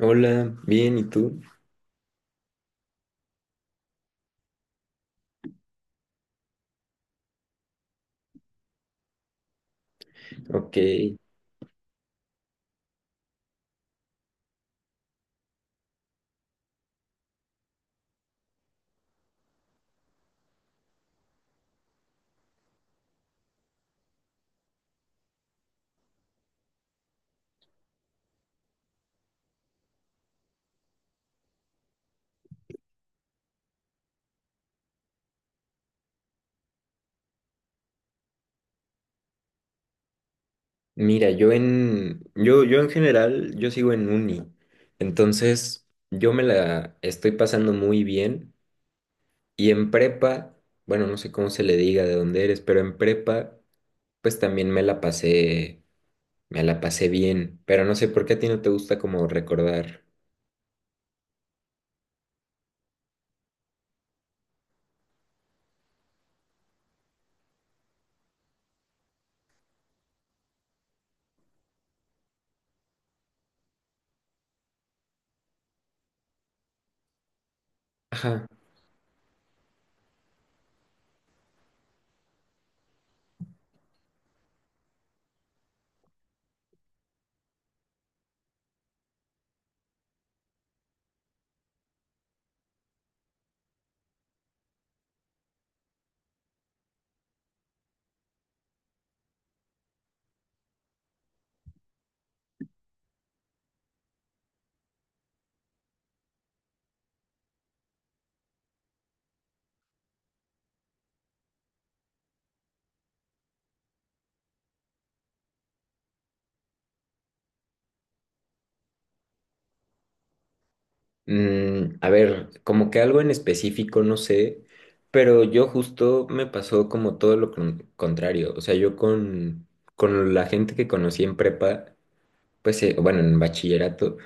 Hola, bien, ¿y tú? Ok, mira, yo en general, yo sigo en uni, entonces yo me la estoy pasando muy bien. Y en prepa, bueno, no sé cómo se le diga de dónde eres, pero en prepa, pues también me la pasé bien, pero no sé por qué a ti no te gusta como recordar. Ajá. Mm, a ver, como que algo en específico, no sé, pero yo justo me pasó como todo lo contrario. O sea, yo con la gente que conocí en prepa, pues bueno, en bachillerato,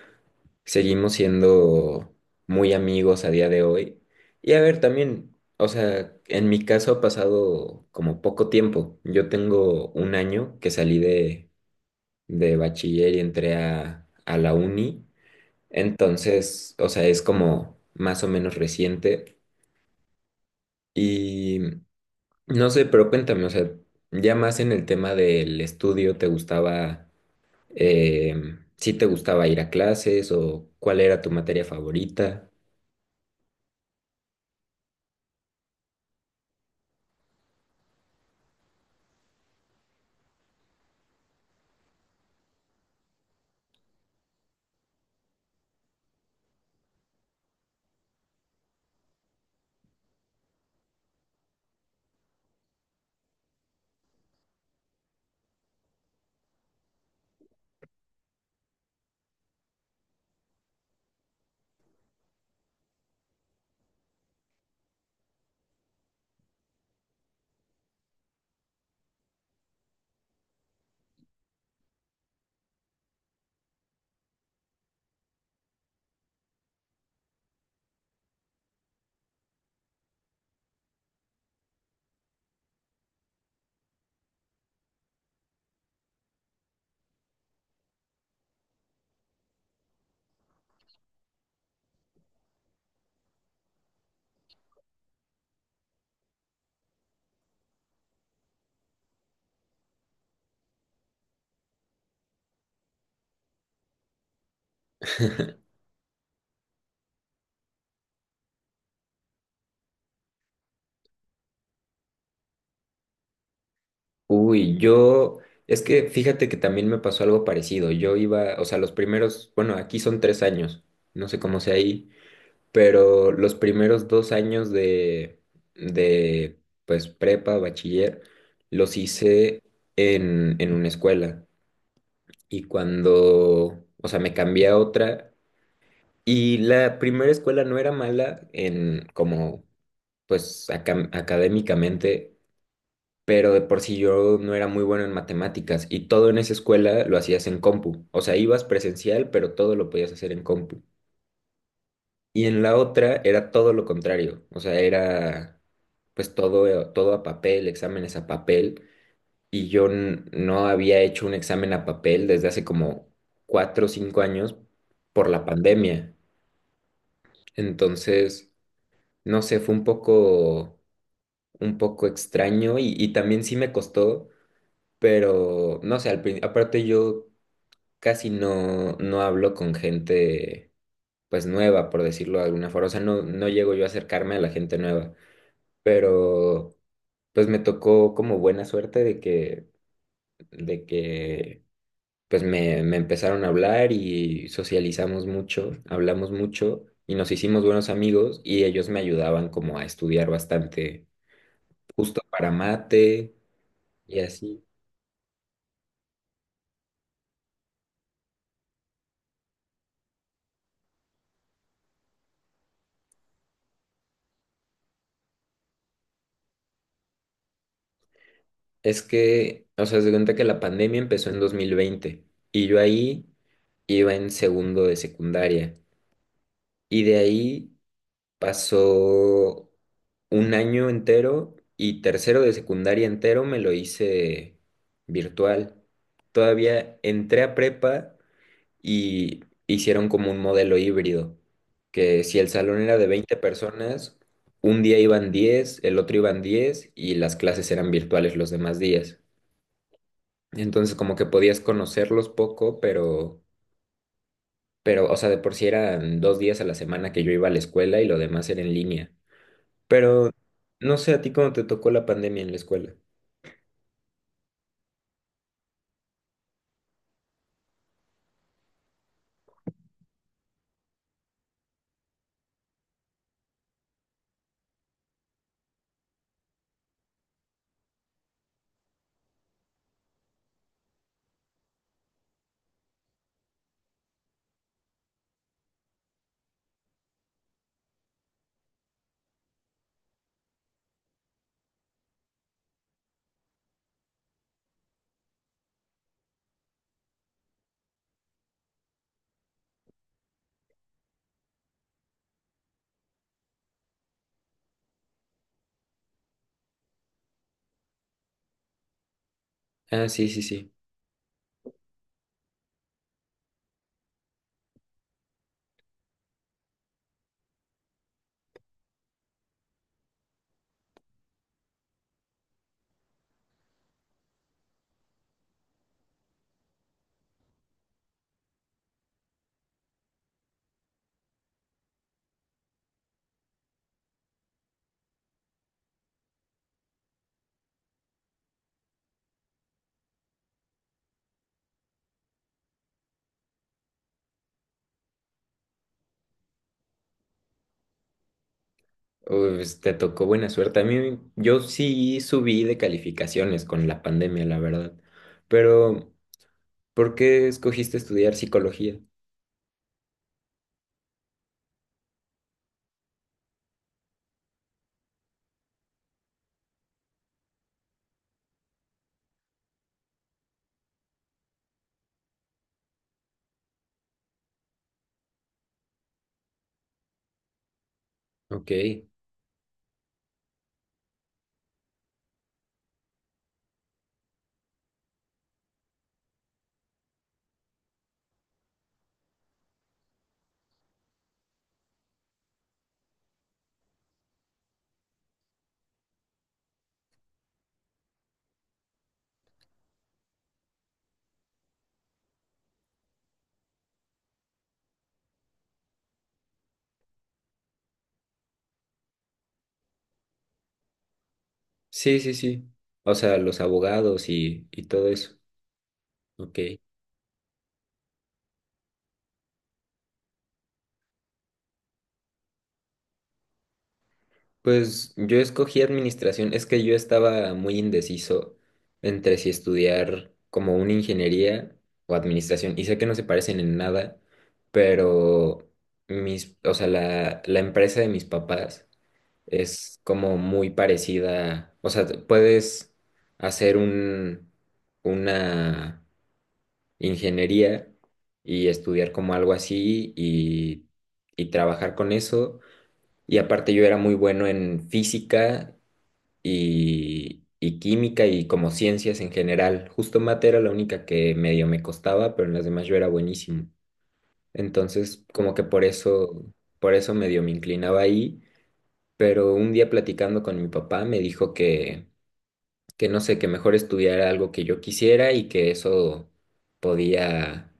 seguimos siendo muy amigos a día de hoy. Y a ver, también, o sea, en mi caso ha pasado como poco tiempo. Yo tengo un año que salí de, bachiller y entré a la uni. Entonces, o sea, es como más o menos reciente. Y no sé, pero cuéntame, o sea, ya más en el tema del estudio, eh, sí te gustaba ir a clases o cuál era tu materia favorita? Uy, yo, es que fíjate que también me pasó algo parecido. Yo iba, o sea, los primeros, bueno, aquí son 3 años, no sé cómo sea ahí. Pero los primeros 2 años de, pues prepa, bachiller, los hice en una escuela. Y cuando, o sea, me cambié a otra, y la primera escuela no era mala en como, pues, académicamente, pero de por sí yo no era muy bueno en matemáticas, y todo en esa escuela lo hacías en compu. O sea, ibas presencial, pero todo lo podías hacer en compu. Y en la otra era todo lo contrario, o sea, era pues todo, todo a papel, exámenes a papel, y yo no había hecho un examen a papel desde hace como 4 o 5 años por la pandemia. Entonces, no sé, fue un poco extraño y también sí me costó, pero no sé, aparte yo casi no hablo con gente pues nueva, por decirlo de alguna forma, o sea, no, no, llego yo a acercarme a la gente nueva. Pero pues me tocó como buena suerte de que, pues me empezaron a hablar y socializamos mucho, hablamos mucho y nos hicimos buenos amigos y ellos me ayudaban como a estudiar bastante, justo para mate y así. Es que, o sea, se cuenta que la pandemia empezó en 2020 y yo ahí iba en segundo de secundaria y de ahí... Pasó un año entero y tercero de secundaria entero me lo hice virtual. Todavía entré a prepa y hicieron como un modelo híbrido, que si el salón era de 20 personas, un día iban 10, el otro iban 10 y las clases eran virtuales los demás días. Entonces como que podías conocerlos poco, pero, o sea, de por sí eran 2 días a la semana que yo iba a la escuela y lo demás era en línea. Pero no sé a ti cómo te tocó la pandemia en la escuela. Ah, sí, sí, sí. Pues, te tocó buena suerte. A mí, yo sí subí de calificaciones con la pandemia, la verdad. Pero, ¿por qué escogiste estudiar psicología? Ok. Sí, sí, sí. O sea, los abogados y todo eso. Ok. Pues yo escogí administración, es que yo estaba muy indeciso entre si estudiar como una ingeniería o administración, y sé que no se parecen en nada, pero mis, o sea, la, empresa de mis papás es como muy parecida, o sea, puedes hacer un, una ingeniería y estudiar como algo así y trabajar con eso. Y aparte yo era muy bueno en física y química y como ciencias en general. Justo mate era la única que medio me costaba, pero en las demás yo era buenísimo. Entonces, como que por eso medio me inclinaba ahí. Pero un día platicando con mi papá me dijo que, no sé, que mejor estudiara algo que yo quisiera y que eso podía,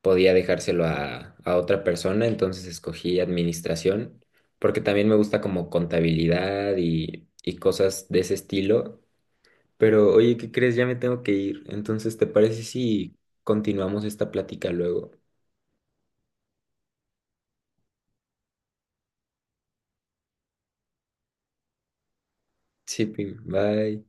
podía dejárselo a otra persona. Entonces escogí administración porque también me gusta como contabilidad y cosas de ese estilo. Pero oye, ¿qué crees? Ya me tengo que ir. Entonces, ¿te parece si continuamos esta plática luego? Sí, Pim, bye.